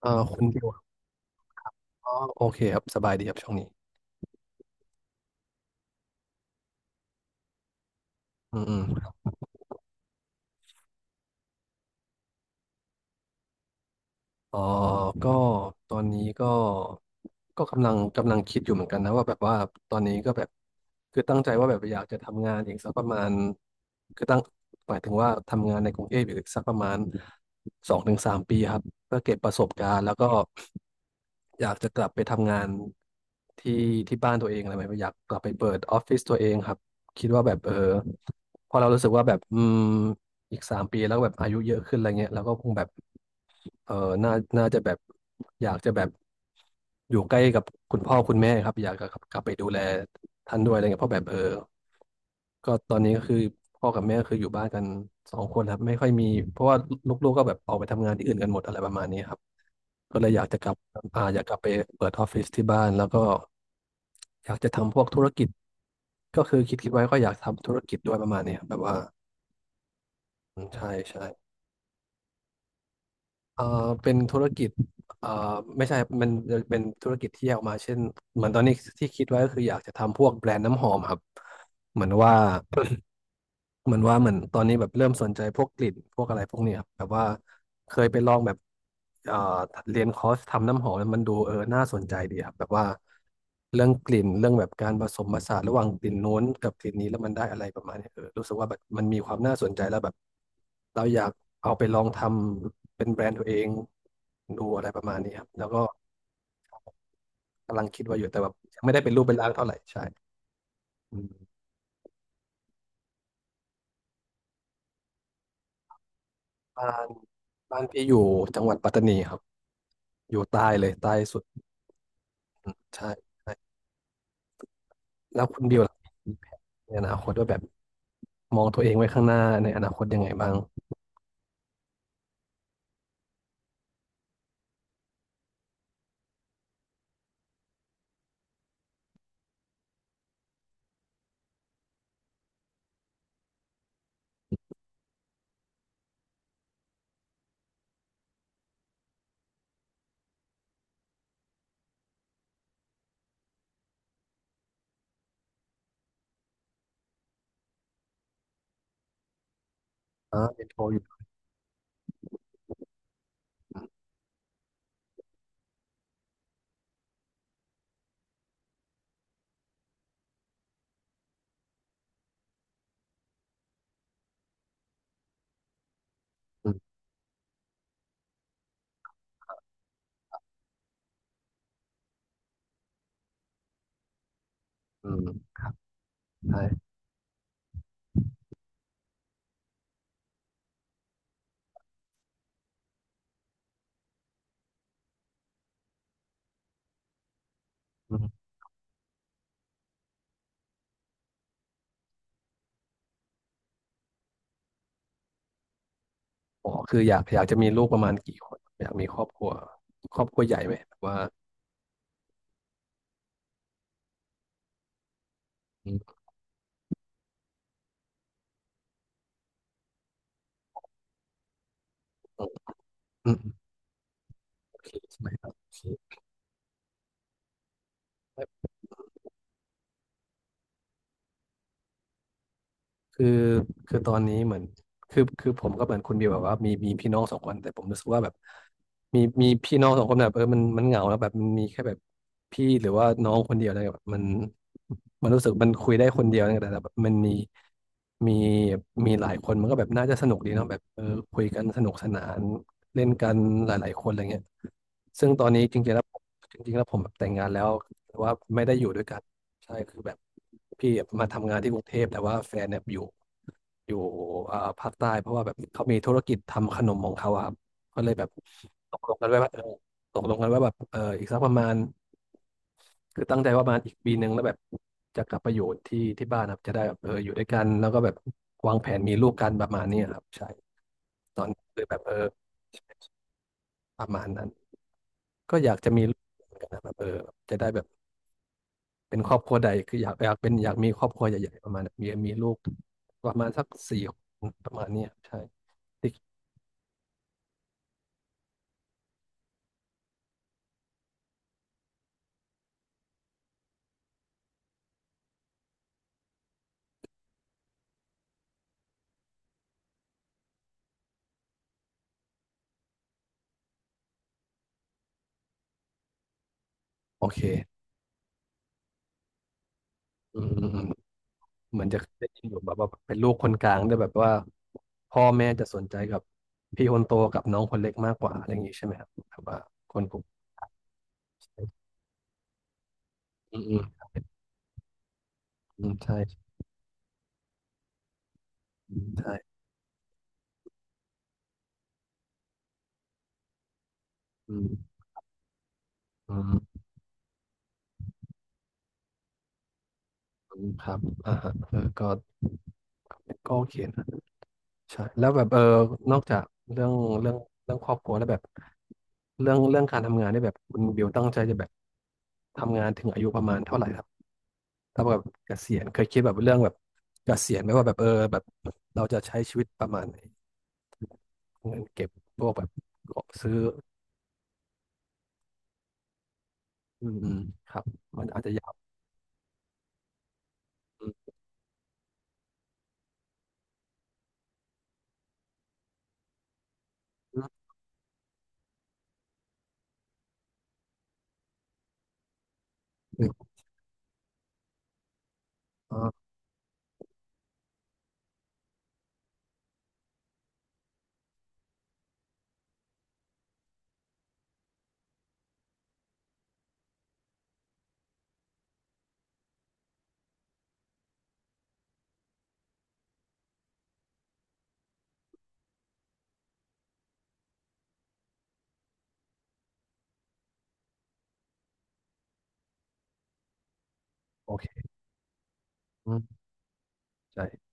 คุณบิวอ๋อโอเคครับสบายดีครับช่วงนี้อืมอืมอ๋อก็ตอนนี้ก็กำลังคิดอยู่เหมือนกันนะว่าแบบว่าตอนนี้ก็แบบคือตั้งใจว่าแบบอยากจะทำงานอีกสักประมาณคือตั้งหมายถึงว่าทำงานในกรุงเทพอีกสักประมาณ2 ถึง 3 ปีครับเพื่อเก็บประสบการณ์แล้วก็อยากจะกลับไปทำงานที่ที่บ้านตัวเองอะไรแบบนี้อยากกลับไปเปิดออฟฟิศตัวเองครับคิดว่าแบบเออพอเรารู้สึกว่าแบบอีก 3 ปีแล้วแบบอายุเยอะขึ้นอะไรเงี้ยแล้วก็คงแบบเออน่าน่าจะแบบอยากจะแบบอยู่ใกล้กับคุณพ่อคุณแม่ครับอยากจะกลับไปดูแลท่านด้วยอะไรเงี้ยเพราะแบบเออก็ตอนนี้ก็คือพ่อกับแม่คืออยู่บ้านกันสองคนครับไม่ค่อยมีเพราะว่าลูกๆก็แบบออกไปทำงานที่อื่นกันหมดอะไรประมาณนี้ครับก็เลยอยากจะกลับอ่าอยากกลับไปเปิดออฟฟิศที่บ้านแล้วก็อยากจะทำพวกธุรกิจก็คือคิดไว้ก็อยากทำธุรกิจด้วยประมาณนี้ครับแบบว่าอืมใช่ใช่ เอ่อเป็นธุรกิจเอ่อไม่ใช่มันเป็นธุรกิจที่แยกออกมาเช่น เหมือนตอนนี้ที่คิดไว้ก็คืออยากจะทำพวกแบรนด์น้ำหอมครับเหมือนว่า เหมือนว่าเหมือนตอนนี้แบบเริ่มสนใจพวกกลิ่นพวกอะไรพวกเนี้ยครับแบบว่าเคยไปลองแบบเอ่อเรียนคอร์สทำน้ำหอมแล้วมันดูเออน่าสนใจดีครับแบบว่าเรื่องกลิ่นเรื่องแบบการผสมผสานระหว่างกลิ่นโน้นกับกลิ่นนี้แล้วมันได้อะไรประมาณเนี้ยเออรู้สึกว่าแบบมันมีความน่าสนใจแล้วแบบเราอยากเอาไปลองทำเป็นแบรนด์ตัวเองดูอะไรประมาณนี้ครับแล้วก็ กำลังคิดไว่าอยู่แต่แบบยังไม่ได้เป็นรูปเป็นร่างเท่าไหร่ใช่อืมบ้านบ้านพี่อยู่จังหวัดปัตตานีครับอยู่ใต้เลยใต้สุดอืมใช่ใช่แล้วคุณบิวล่ะในอนาคตว่าแบบมองตัวเองไว้ข้างหน้าในอนาคตยังไงบ้างอ๋อเป็นโทอยู่อืมอืมใช่อืมอ๋อคืออยากจะมีลูกประมาณกี่คนอยากมีครอบครัวใหญ่ไหมแบบว่าอืมอืมอืมโอเคใช่ไหมครับโอเค คือคือตอนนี้เหมือนคือคือผมก็เหมือนคุณบิวแบบว่ามีพี่น้องสองคนแต่ผมรู้สึกว่าแบบมีพี่น้องสองคนแบบเออมันเหงาแล้วแบบมันมีแค่แบบพี่หรือว่าน้องคนเดียวอะไรเียแบบมันรู้สึกมันคุยได้คนเดียวนะแต่แบบมันมีมีหลายคนมันก็แบบน่าจะสนุกดีเนาะแบบเออคุยกันสนุกสนานเล่นกันหลายๆคนอะไรเงี้ยซึ่งตอนนี้จริงๆแล้วผมแบบแต่งงานแล้วแต่ว่าไม่ได้อยู่ด้วยกันใช่คือแบบพี่มาทำงานที่กรุงเทพแต่ว่าแฟนเนี่ยอยู่ อยู่ภาคใต้เพราะว่าแบบเขามีธุรกิจทำขนมของเขาอะครับก็เลยแบบตกลงกันไว้ว่าเออตกลงกันไว้แบบเอออีกสักประมาณคือตั้งใจว่าประมาณอีก1 ปีแล้วแบบจะกลับไปอยู่ที่ที่บ้านครับจะได้แบบเอออยู่ด้วยกันแล้วก็แบบวางแผนมีลูกกันประมาณนี้ครับใช่ตอนนี้คือแบบเออประมาณนั้นก็อยากจะมีลูกเหมือนกันนะแบบเออจะได้แบบเป็นครอบครัวใดคืออยากเป็นอยากมีครอบครัวใหญ่ๆประมาณนั้นมีลูกประมาณสัก4 คนประมาณเนี้ยใช่โอเคอืม เหมือนจะได้ยินอยู่แบบว่าเป็นลูกคนกลางด้วยแบบว่าพ่อแม่จะสนใจกับพี่คนโตกับน้องคนเล็กมากกว่าอะไรอย่างนี้ใช่ไหมครับแบบว่าคนกลุ่มอืมอืมอืมใช่ใช่อืมอืมอืมครับอ่าฮะเออก็ก็โอเคนะใช่แล้วแบบเออนอกจากเรื่องเรื่องเรื่องครอบครัวแล้วแบบเรื่องการทำงานเนี่ยแบบคุณบิวตั้งใจจะแบบทำงานถึงอายุประมาณเท่าไหร่ เทำกับเกษียณเคยคิดแบบเรื่องแบบเกษียณไหมว่าแบบเออแบบเราจะใช้ชีวิตประมาณไหนเงินเก็บพวกแบบของซื้ออืมอืมครับมันอาจจะยาวอืมอืมอืมอ่าโอเคอืมใช่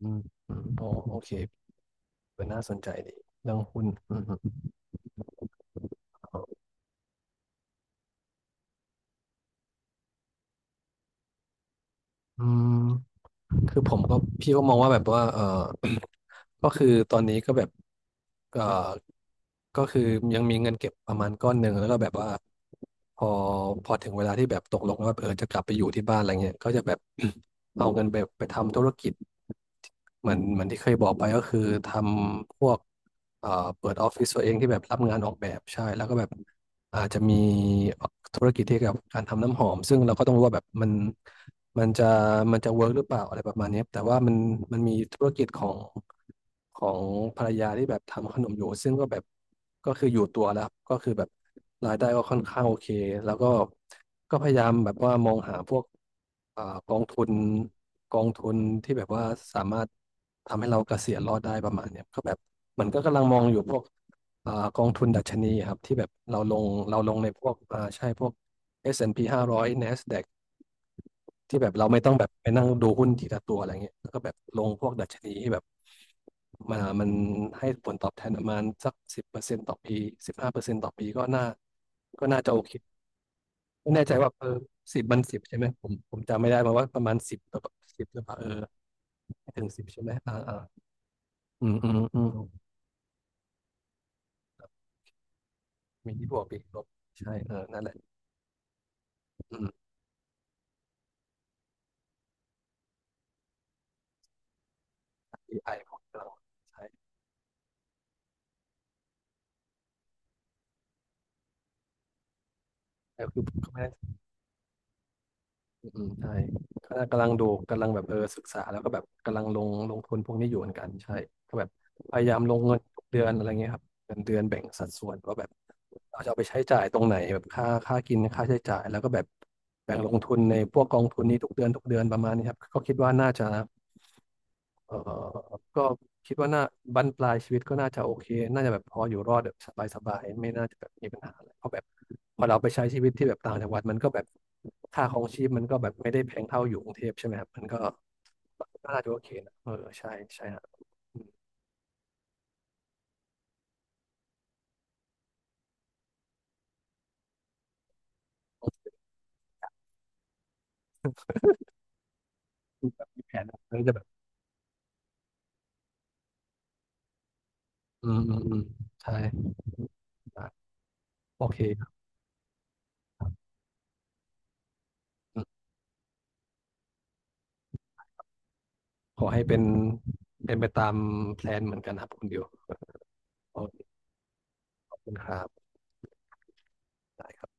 อืมอืมโอเคเป็นน่าสนใจดีเรื่องหุ้นอืมอืมอืม คือผมก็พี่ก็มองว่าแบบว่า ก็คือตอนนี้ก็แบบเออก็คือยังมีเงินเก็บประมาณก้อนหนึ่งแล้วก็แบบว่าพอพอถึงเวลาที่แบบตกลงว่าจะกลับไปอยู่ที่บ้านอะไรเงี้ยก็จะแบบ เอาเงินไปทำธุรกิจเหมือนที่เคยบอกไปก็คือทำพวกเอ่อเปิดออฟฟิศตัวเองที่แบบรับงานออกแบบใช่แล้วก็แบบ อาจจะมีธุรกิจที่เกี่ยวกับการทำน้ำหอมซึ่งเราก็ต้องรู้ว่าแบบมันจะมันจะเวิร์กหรือเปล่าอะไรประมาณเนี้ยแต่ว่ามันมีธุรกิจของภรรยาที่แบบทำขนมอยู่ซึ่งก็แบบก็คืออยู่ตัวแล้วก็คือแบบรายได้ก็ค่อนข้างโอเคแล้วก็พยายามแบบว่ามองหาพวกอ่ากองทุนกองทุนที่แบบว่าสามารถทำให้เราเกษียณรอดได้ประมาณเนี้ยก็แบบมันก็กำลังมองอยู่พวก กองทุนดัชนีครับที่แบบเราลงในพวกใช่พวก S&P 500 NASDAQ ที่แบบเราไม่ต้องแบบไปนั่งดูหุ้นทีละตัวอะไรเงี้ยแล้วก็แบบลงพวกดัชนีที่แบบมามันให้ผลตอบแทนประมาณสักสิบเปอร์เซ็นต์ต่อปีสิบห้าเปอร์เซ็นต์ต่อปีก็น่าจะโอเคไม่แน่ใจว่าสิบมันสิบใช่ไหมผมจำไม่ได้มาว่าประมาณสิบหรือเปล่าไม่ถึงสิบใช่ไหมอ่าอ่าอืมอืมอืมมีที่บวกปีกลบใช่เออนั่นแหละอืมอีไอผมกำลังใช้ แต่คือก็ไม่ได้อืมอืมใช่ก็กำลังดูกำลังแบบศึกษาแล้วก็แบบกำลังลงทุนพวกนี้อยู่เหมือนกันใช่ก็แบบพยายามลงเงินทุกเดือนอะไรเงี้ยครับเดือนแบ่งสัดส่วนว่าแบบเราจะเอาไปใช้จ่ายตรงไหนแบบค่ากินค่าใช้จ่ายแล้วก็แบบแบ่งลงทุนในพวกกองทุนนี้ทุกเดือนทุกเดือนประมาณนี้ครับก็คิดว่าน่าจะ เออก็คิดว่าน่าบั้นปลายชีวิตก็น่าจะโอเค น่าจะแบบพออยู่รอดแบบสบายๆไม่น่าจะแบบมีปัญหาอะไรเพราะแบบพอเราไปใช้ชีวิตที่แบบต่างจังหวัดมันก็แบบค่าครองชีพมันก็แบบไม่ได้แพงเท่าอยู่กรุงเทพใช่ไหมครับมันก็น่าจะโอเคนะเออใช่ใช่ฮะอืมโอเคแบบมีแผนมันจะแบบอืมอืมอืมใช่ครับโอเคครับอืมขอให้เป็นไปตามแพลนเหมือนกันครับคุณดิวโอเคขอบคุณครับได้ครับ